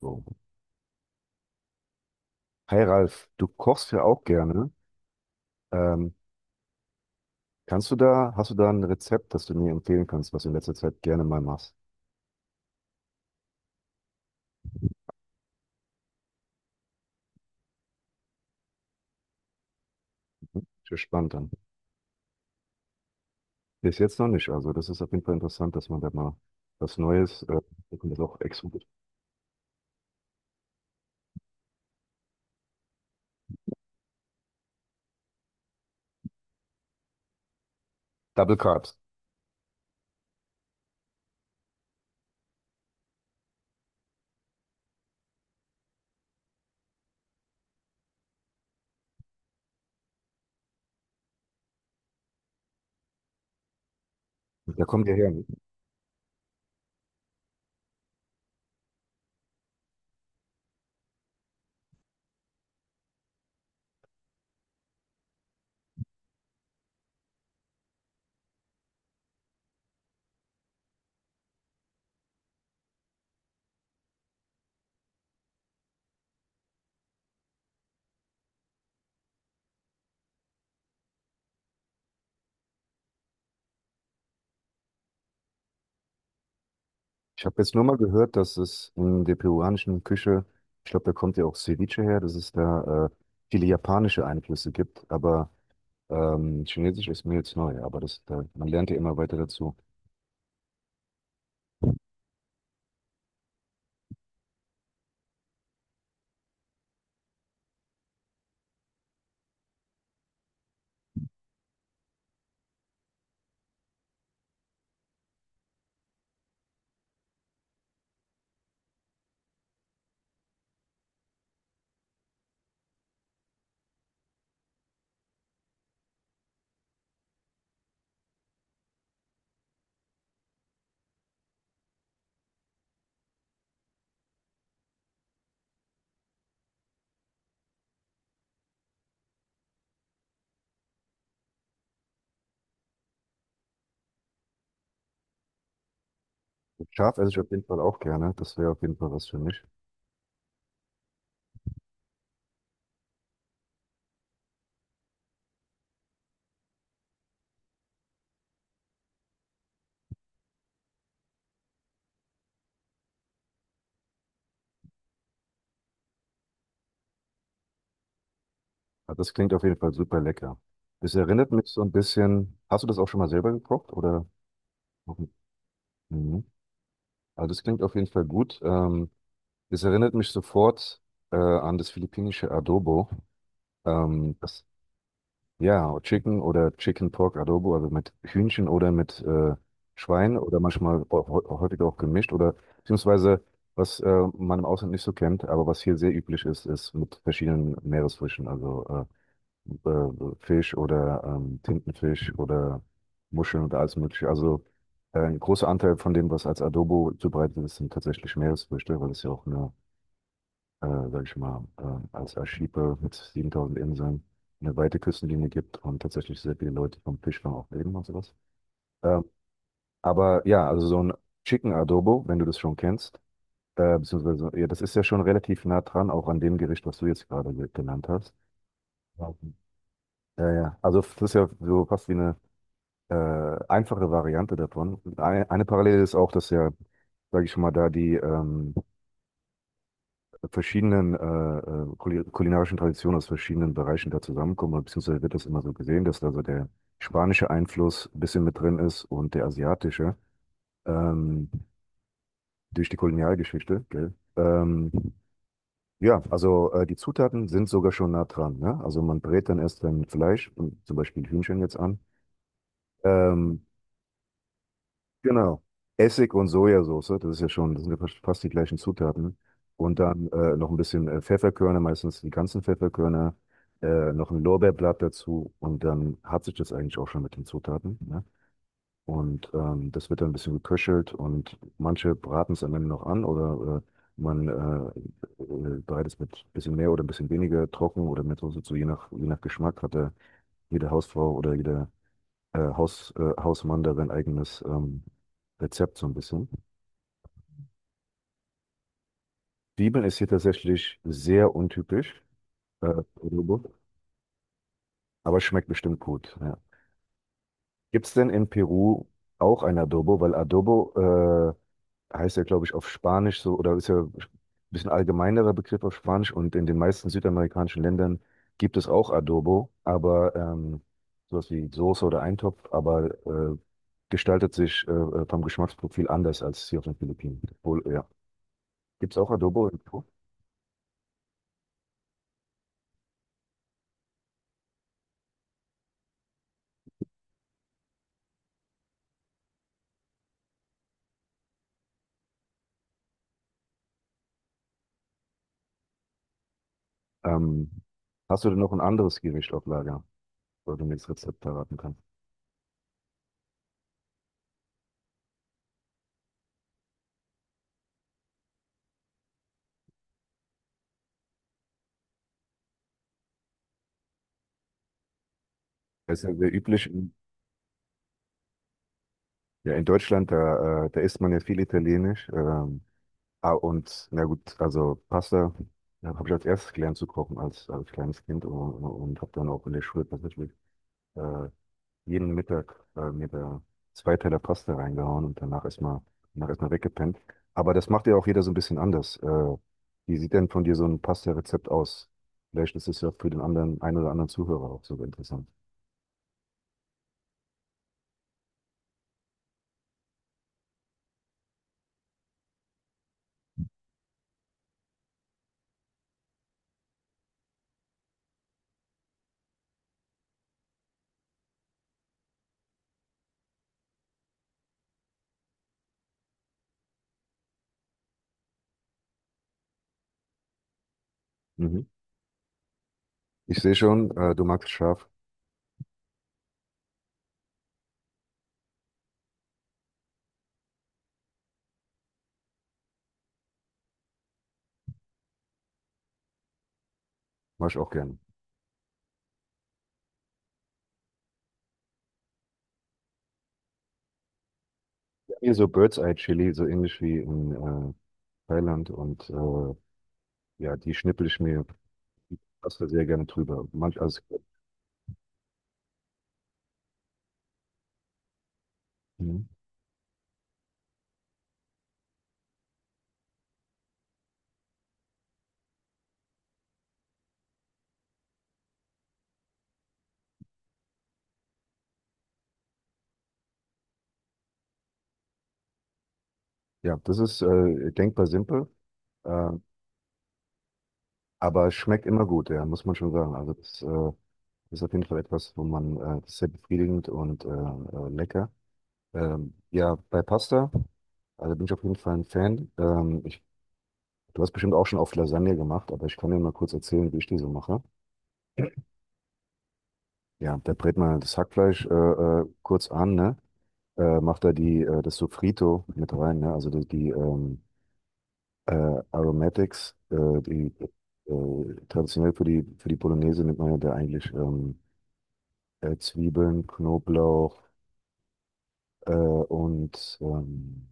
So. Hi Ralf, du kochst ja auch gerne. Ähm, Kannst du da, hast du da ein Rezept, das du mir empfehlen kannst, was du in letzter Zeit gerne mal machst? Ist ja spannend an. Bis jetzt noch nicht. Also das ist auf jeden Fall interessant, dass man da mal was Neues, da kommt jetzt auch extra gut. Double Carbs, da kommt ihr her. Ne? Ich habe jetzt nur mal gehört, dass es in der peruanischen Küche, ich glaube, da kommt ja auch Ceviche her, dass es da viele japanische Einflüsse gibt, aber Chinesisch ist mir jetzt neu, aber das, da, man lernt ja immer weiter dazu. Schaf esse ich auf jeden Fall auch gerne. Das wäre auf jeden Fall was für mich. Aber das klingt auf jeden Fall super lecker. Das erinnert mich so ein bisschen. Hast du das auch schon mal selber gekocht? Oder? Noch. Mhm. Also das klingt auf jeden Fall gut. Das erinnert mich sofort an das philippinische Adobo. Ähm, das, ja, Chicken oder Chicken Pork Adobo, also mit Hühnchen oder mit Schwein oder manchmal auch häufiger auch gemischt oder beziehungsweise was man im Ausland nicht so kennt, aber was hier sehr üblich ist, ist mit verschiedenen Meeresfrüchten. Also äh, Fisch oder Tintenfisch oder Muscheln und alles Mögliche. Also ein großer Anteil von dem, was als Adobo zubereitet ist, sind tatsächlich Meeresfrüchte, weil es ja auch eine, sag ich mal, als Archipel mit 7000 Inseln eine weite Küstenlinie gibt und tatsächlich sehr viele Leute vom Fischfang auch leben und sowas. Ähm, aber ja, also so ein Chicken Adobo, wenn du das schon kennst, beziehungsweise, ja, das ist ja schon relativ nah dran, auch an dem Gericht, was du jetzt gerade genannt hast. Ja. Ja, ja. Also das ist ja so fast wie eine äh, einfache Variante davon. Und eine Parallele ist auch, dass ja, sage ich schon mal, da die verschiedenen kulinarischen Traditionen aus verschiedenen Bereichen da zusammenkommen, oder beziehungsweise wird das immer so gesehen, dass da so der spanische Einfluss ein bisschen mit drin ist und der asiatische ähm, durch die Kolonialgeschichte, gell? Ja, also die Zutaten sind sogar schon nah dran, ne? Also man brät dann erst dann Fleisch, und zum Beispiel Hühnchen jetzt an. Ähm, Genau. Essig und Sojasauce, das ist ja schon, das sind ja fast fast die gleichen Zutaten. Und dann noch ein bisschen Pfefferkörner, meistens die ganzen Pfefferkörner, noch ein Lorbeerblatt dazu und dann hat sich das eigentlich auch schon mit den Zutaten. Ne? Und das wird dann ein bisschen geköchelt und manche braten es am Ende noch an oder man bereitet es mit ein bisschen mehr oder ein bisschen weniger trocken oder mit Soße zu, je nach Geschmack hat da jede Hausfrau oder jeder Hausmann da sein eigenes Rezept so ein bisschen. Zwiebeln ist hier tatsächlich sehr untypisch, äh, Adobo, aber schmeckt bestimmt gut. Ja. Gibt es denn in Peru auch ein Adobo? Weil Adobo heißt ja, glaube ich, auf Spanisch so, oder ist ja ein bisschen allgemeinerer Begriff auf Spanisch und in den meisten südamerikanischen Ländern gibt es auch Adobo, aber sowas wie Soße oder Eintopf, aber gestaltet sich vom Geschmacksprofil anders als hier auf den Philippinen. Obwohl, ja, gibt's auch Adobo im Po? Ähm, hast du denn noch ein anderes Gericht auf Lager, wo du mir das Rezept verraten kannst? Das ist ja sehr üblich in, ja, in Deutschland, da, da isst man ja viel Italienisch. Ah, und na gut, also Pasta habe ich als erstes gelernt zu kochen als, als kleines Kind und habe dann auch in der Schule tatsächlich äh, jeden Mittag mir da zwei Teller Pasta reingehauen und danach erstmal weggepennt. Aber das macht ja auch jeder so ein bisschen anders. Wie sieht denn von dir so ein Pasta-Rezept aus? Vielleicht ist es ja für den anderen, einen oder anderen Zuhörer auch sogar interessant. Mhm. Ich sehe schon, du magst scharf, mach ich auch gerne. Hier so Bird's Eye Chili, so ähnlich wie in Thailand und ja, die schnippel ich mir die Pasta sehr gerne drüber. Manch, also, mhm. Ja, das ist denkbar simpel. Äh, Aber es schmeckt immer gut, ja, muss man schon sagen. Also das ist auf jeden Fall etwas, wo man, das ist sehr befriedigend und lecker. Ja, bei Pasta, also bin ich auf jeden Fall ein Fan. Du hast bestimmt auch schon oft Lasagne gemacht, aber ich kann dir mal kurz erzählen, wie ich die so mache. Ja, da brät man das Hackfleisch kurz an, ne? Macht da die, das Sofrito mit rein, ne? Also die, die äh, Aromatics, die traditionell für die Bolognese nimmt man ja da eigentlich Zwiebeln, Knoblauch äh, und ähm,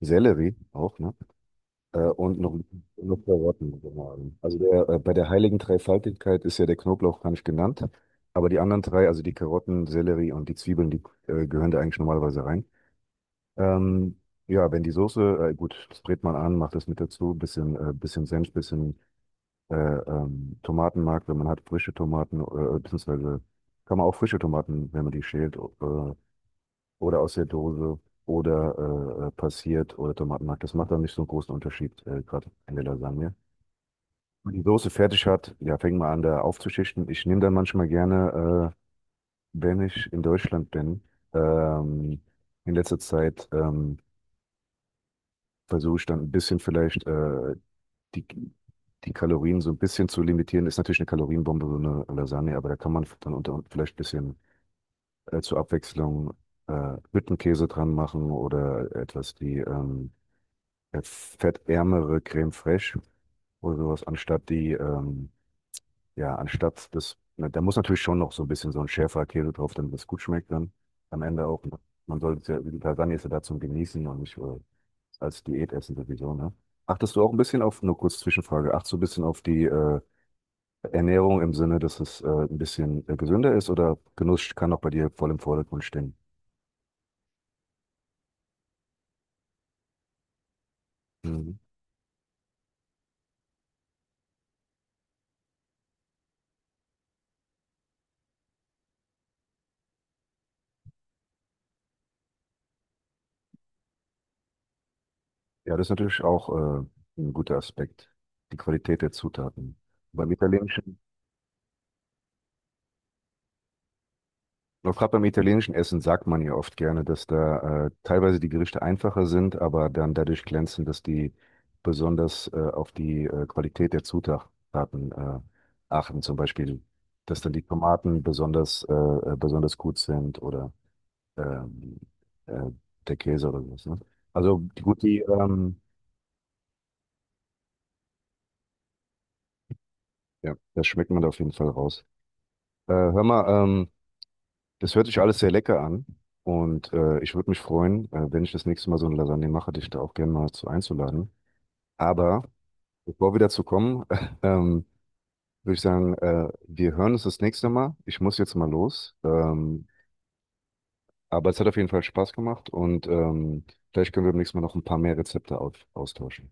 Sellerie auch, ne? Äh, und noch, noch Karotten. Genau. Also der, bei der heiligen Dreifaltigkeit ist ja der Knoblauch gar nicht genannt, aber die anderen drei, also die Karotten, Sellerie und die Zwiebeln, die gehören da eigentlich normalerweise rein. Ähm, ja, wenn die Soße, gut, das brät man an, macht das mit dazu, bisschen, bisschen Senf, bisschen Tomatenmark, wenn man hat frische Tomaten, beziehungsweise kann man auch frische Tomaten, wenn man die schält, oder aus der Dose oder passiert oder Tomatenmark. Das macht dann nicht so einen großen Unterschied, gerade in der Lasagne. Wenn man die Soße fertig hat, ja, fängt man an, da aufzuschichten. Ich nehme dann manchmal gerne, wenn ich in Deutschland bin, ähm, in letzter Zeit versuche ich dann ein bisschen vielleicht die, die Kalorien so ein bisschen zu limitieren. Ist natürlich eine Kalorienbombe, so eine Lasagne, aber da kann man dann unter vielleicht ein bisschen zur Abwechslung Hüttenkäse dran machen oder etwas, die fettärmere Creme Fraiche oder sowas, anstatt die, na, da muss natürlich schon noch so ein bisschen so ein schärferer Käse drauf, damit es gut schmeckt dann am Ende auch. Ne? Man sollte es ja, die Lasagne ist ja da zum Genießen und nicht als Diät essen sowieso, ne? Achtest du auch ein bisschen auf, nur kurz Zwischenfrage, achtest du ein bisschen auf die Ernährung im Sinne, dass es ein bisschen gesünder ist oder Genuss kann auch bei dir voll im Vordergrund stehen? Mhm. Ja, das ist natürlich auch äh, ein guter Aspekt, die Qualität der Zutaten. Beim italienischen, noch gerade beim italienischen Essen sagt man ja oft gerne, dass da teilweise die Gerichte einfacher sind, aber dann dadurch glänzen, dass die besonders auf die Qualität der Zutaten achten. Zum Beispiel, dass dann die Tomaten besonders, besonders gut sind oder ähm, äh, der Käse oder sowas. Ne? Also ja, das schmeckt man da auf jeden Fall raus. Hör mal, das hört sich alles sehr lecker an und ich würde mich freuen, wenn ich das nächste Mal so eine Lasagne mache, dich da auch gerne mal zu einzuladen. Aber bevor wir dazu kommen, ähm, würde ich sagen, wir hören uns das nächste Mal. Ich muss jetzt mal los. Aber es hat auf jeden Fall Spaß gemacht und vielleicht können wir beim nächsten Mal noch ein paar mehr Rezepte austauschen.